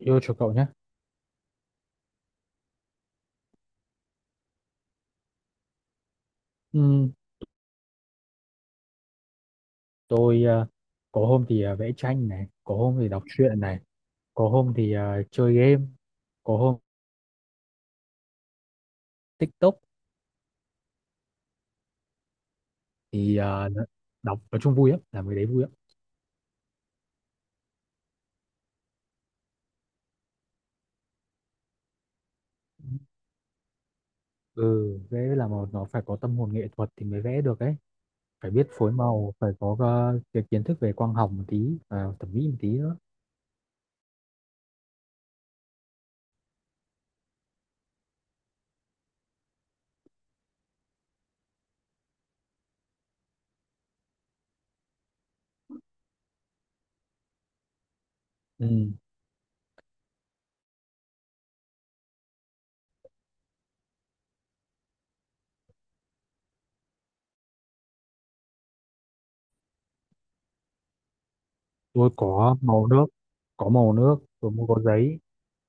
Yêu chuộng cậu nhé. Ừm, tôi ờ, có hôm thì vẽ tranh này, có hôm thì đọc truyện này, có hôm thì chơi game, có hôm TikTok thì đọc, nói chung vui lắm, làm cái đấy vui lắm. Ừ, vẽ là một nó phải có tâm hồn nghệ thuật thì mới vẽ được ấy, phải biết phối màu, phải có cái kiến thức về quang học một tí và thẩm mỹ một tí nữa. Ừ. Tôi có màu nước, có màu nước tôi mua, có giấy,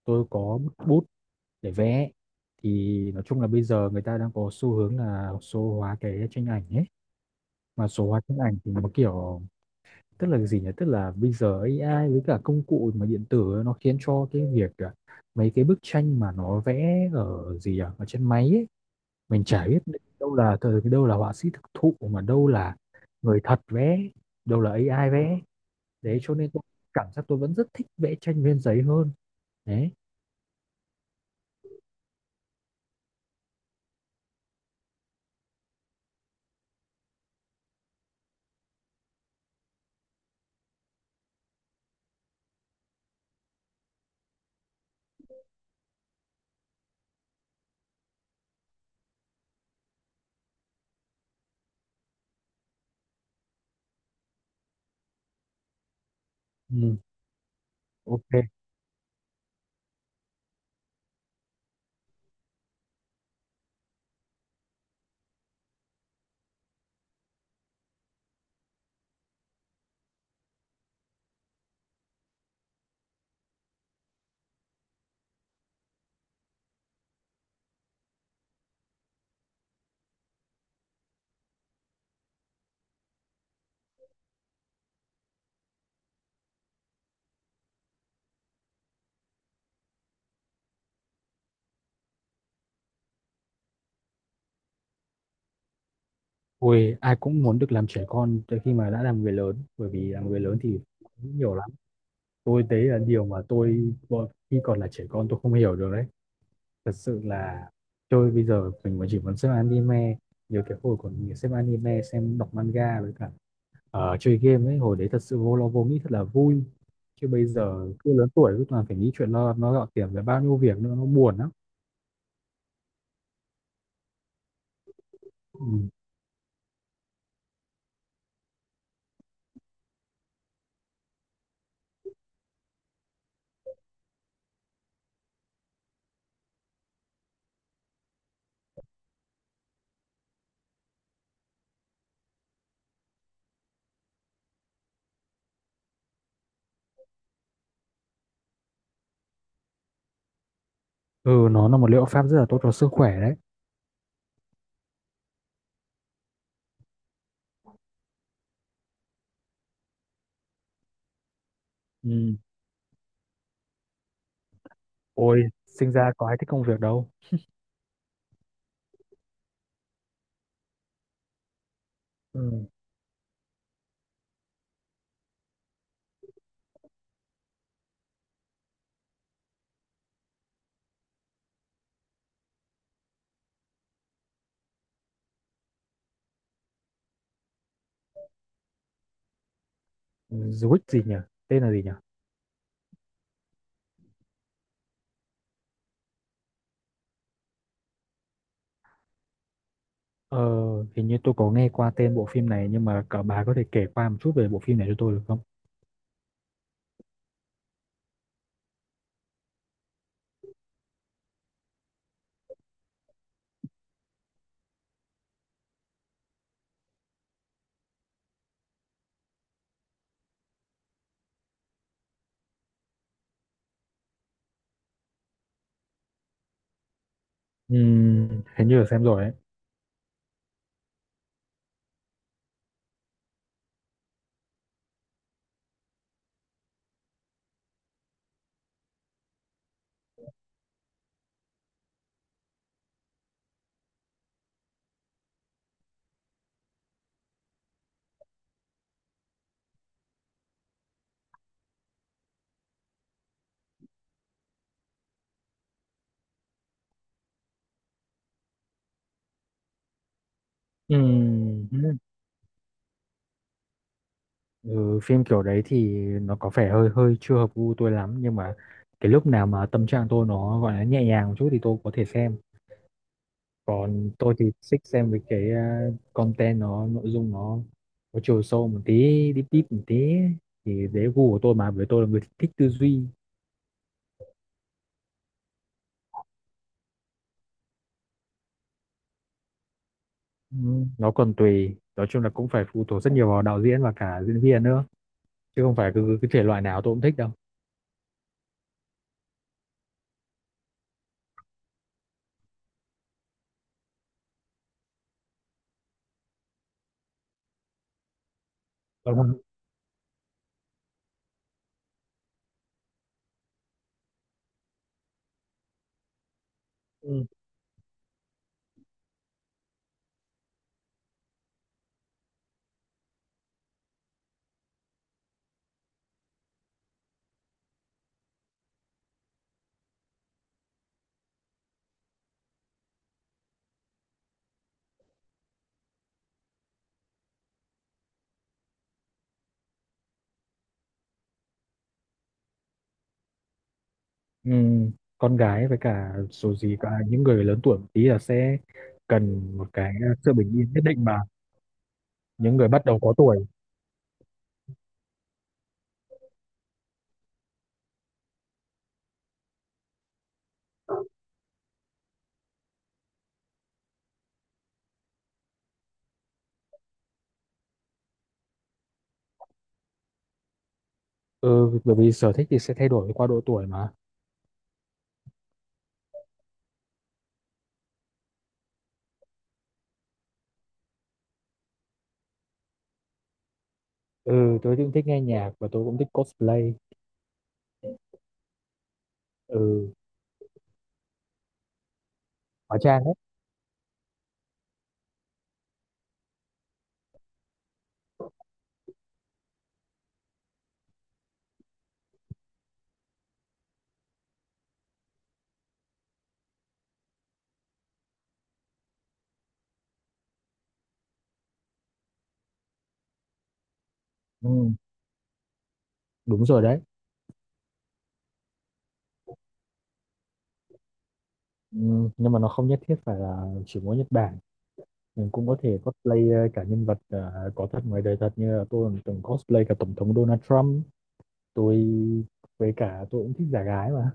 tôi có bút để vẽ. Thì nói chung là bây giờ người ta đang có xu hướng là số hóa cái tranh ảnh ấy, mà số hóa tranh ảnh thì nó kiểu, tức là gì nhỉ, tức là bây giờ AI với cả công cụ mà điện tử ấy, nó khiến cho cái việc mấy cái bức tranh mà nó vẽ ở gì à ở trên máy ấy, mình chả biết đâu là thời, đâu là họa sĩ thực thụ, mà đâu là người thật vẽ, đâu là AI vẽ. Đấy, cho nên tôi cảm giác tôi vẫn rất thích vẽ tranh trên giấy hơn. Đấy. Ừ, ok. Ôi, ai cũng muốn được làm trẻ con tới khi mà đã làm người lớn, bởi vì làm người lớn thì cũng nhiều lắm. Tôi đấy là điều mà khi còn là trẻ con tôi không hiểu được đấy. Thật sự là tôi bây giờ mình mà chỉ muốn xem anime. Nhiều cái hồi còn xem anime, xem đọc manga với cả chơi game ấy hồi đấy thật sự vô lo vô nghĩ, thật là vui. Chứ bây giờ cứ lớn tuổi cứ toàn phải nghĩ chuyện lo nó gạo tiền, về bao nhiêu việc nữa, nó buồn lắm. Ừ. Ừ, nó là một liệu pháp rất là tốt cho sức khỏe đấy. Ừ. Ôi sinh ra có ai thích công việc đâu. Ừ. Zwick gì nhỉ? Tên là gì nhỉ? Ờ, hình như tôi có nghe qua tên bộ phim này, nhưng mà cả bà có thể kể qua một chút về bộ phim này cho tôi được không? Ừm, hình như là xem rồi ấy. Ừm. Ừ, phim kiểu đấy thì nó có vẻ hơi hơi chưa hợp gu tôi lắm, nhưng mà cái lúc nào mà tâm trạng tôi nó gọi là nhẹ nhàng một chút thì tôi có thể xem. Còn tôi thì thích xem với cái content, nó nội dung nó có chiều sâu một tí, deep deep một tí, thì đấy gu của tôi, mà với tôi là người thích tư duy. Ừ, nó còn tùy, nói chung là cũng phải phụ thuộc rất nhiều vào đạo diễn và cả diễn viên nữa, chứ không phải cứ cái thể loại nào tôi cũng thích đâu. Còn ừ. Ừ, con gái với cả số gì cả, những người lớn tuổi một tí là sẽ cần một cái sự bình yên nhất định mà, những người bắt đầu có tuổi. Ừ, bởi vì sở thích thì sẽ thay đổi qua độ tuổi mà. Ừ, tôi cũng thích nghe nhạc và tôi cũng thích cosplay. Ừ, hóa trang đấy. Ừ, đúng rồi đấy. Ừ, nhưng mà nó không nhất thiết phải là chỉ mỗi Nhật Bản. Mình cũng có thể cosplay cả nhân vật có thật ngoài đời thật, như là tôi cũng từng cosplay cả tổng thống Donald Trump. Tôi với cả tôi cũng thích giả gái mà.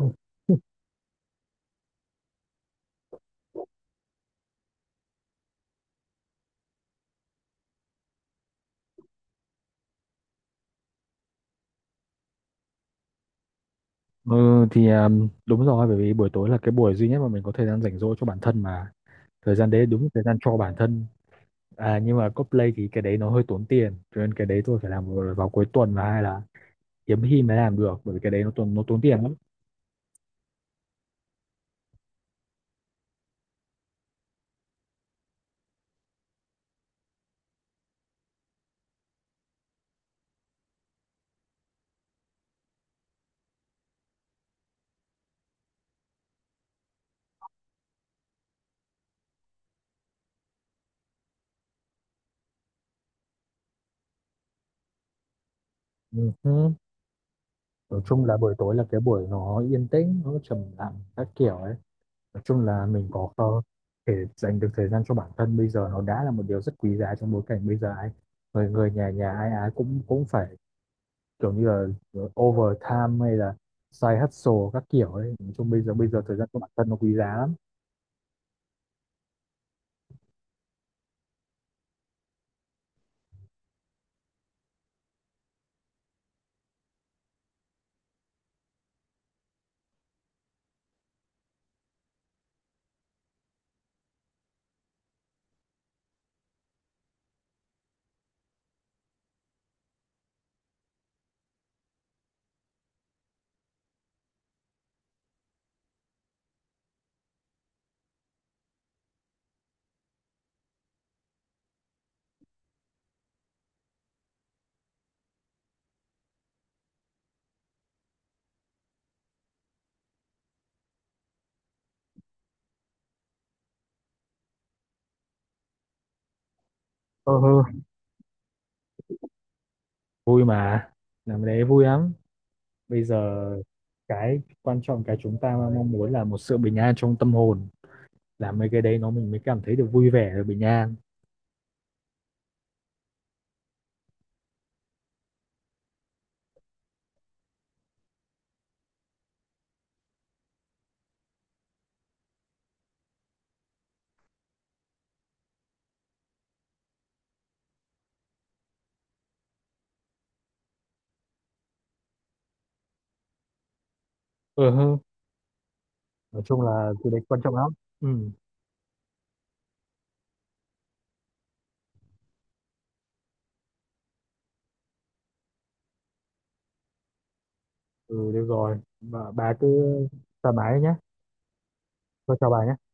Ừ. Ừ thì đúng rồi, bởi vì buổi tối là cái buổi duy nhất mà mình có thời gian rảnh rỗi cho bản thân mà. Thời gian đấy đúng là thời gian cho bản thân. À nhưng mà cosplay thì cái đấy nó hơi tốn tiền, cho nên cái đấy tôi phải làm vào cuối tuần, và hay là hiếm khi mới làm được, bởi vì cái đấy nó tốn tiền lắm. Ừ. Ừ. Nói chung là buổi tối là cái buổi nó yên tĩnh, nó trầm lặng các kiểu ấy. Nói chung là mình có thể dành được thời gian cho bản thân bây giờ, nó đã là một điều rất quý giá trong bối cảnh bây giờ ai, người người nhà nhà ai ai cũng cũng phải kiểu như là ờ, overtime hay là side hustle các kiểu ấy, nói chung bây giờ thời gian của bản thân nó quý giá lắm. Ờ hơ, vui mà, làm cái đấy vui lắm. Bây giờ cái quan trọng, cái chúng ta mong muốn là một sự bình an trong tâm hồn, làm mấy cái đấy nó mình mới cảm thấy được vui vẻ và bình an. Ờ hơ, nói chung là cái đấy quan trọng lắm. Ừ. Ừ được rồi bà cứ thoải mái nhé. Tôi chào bà nhé.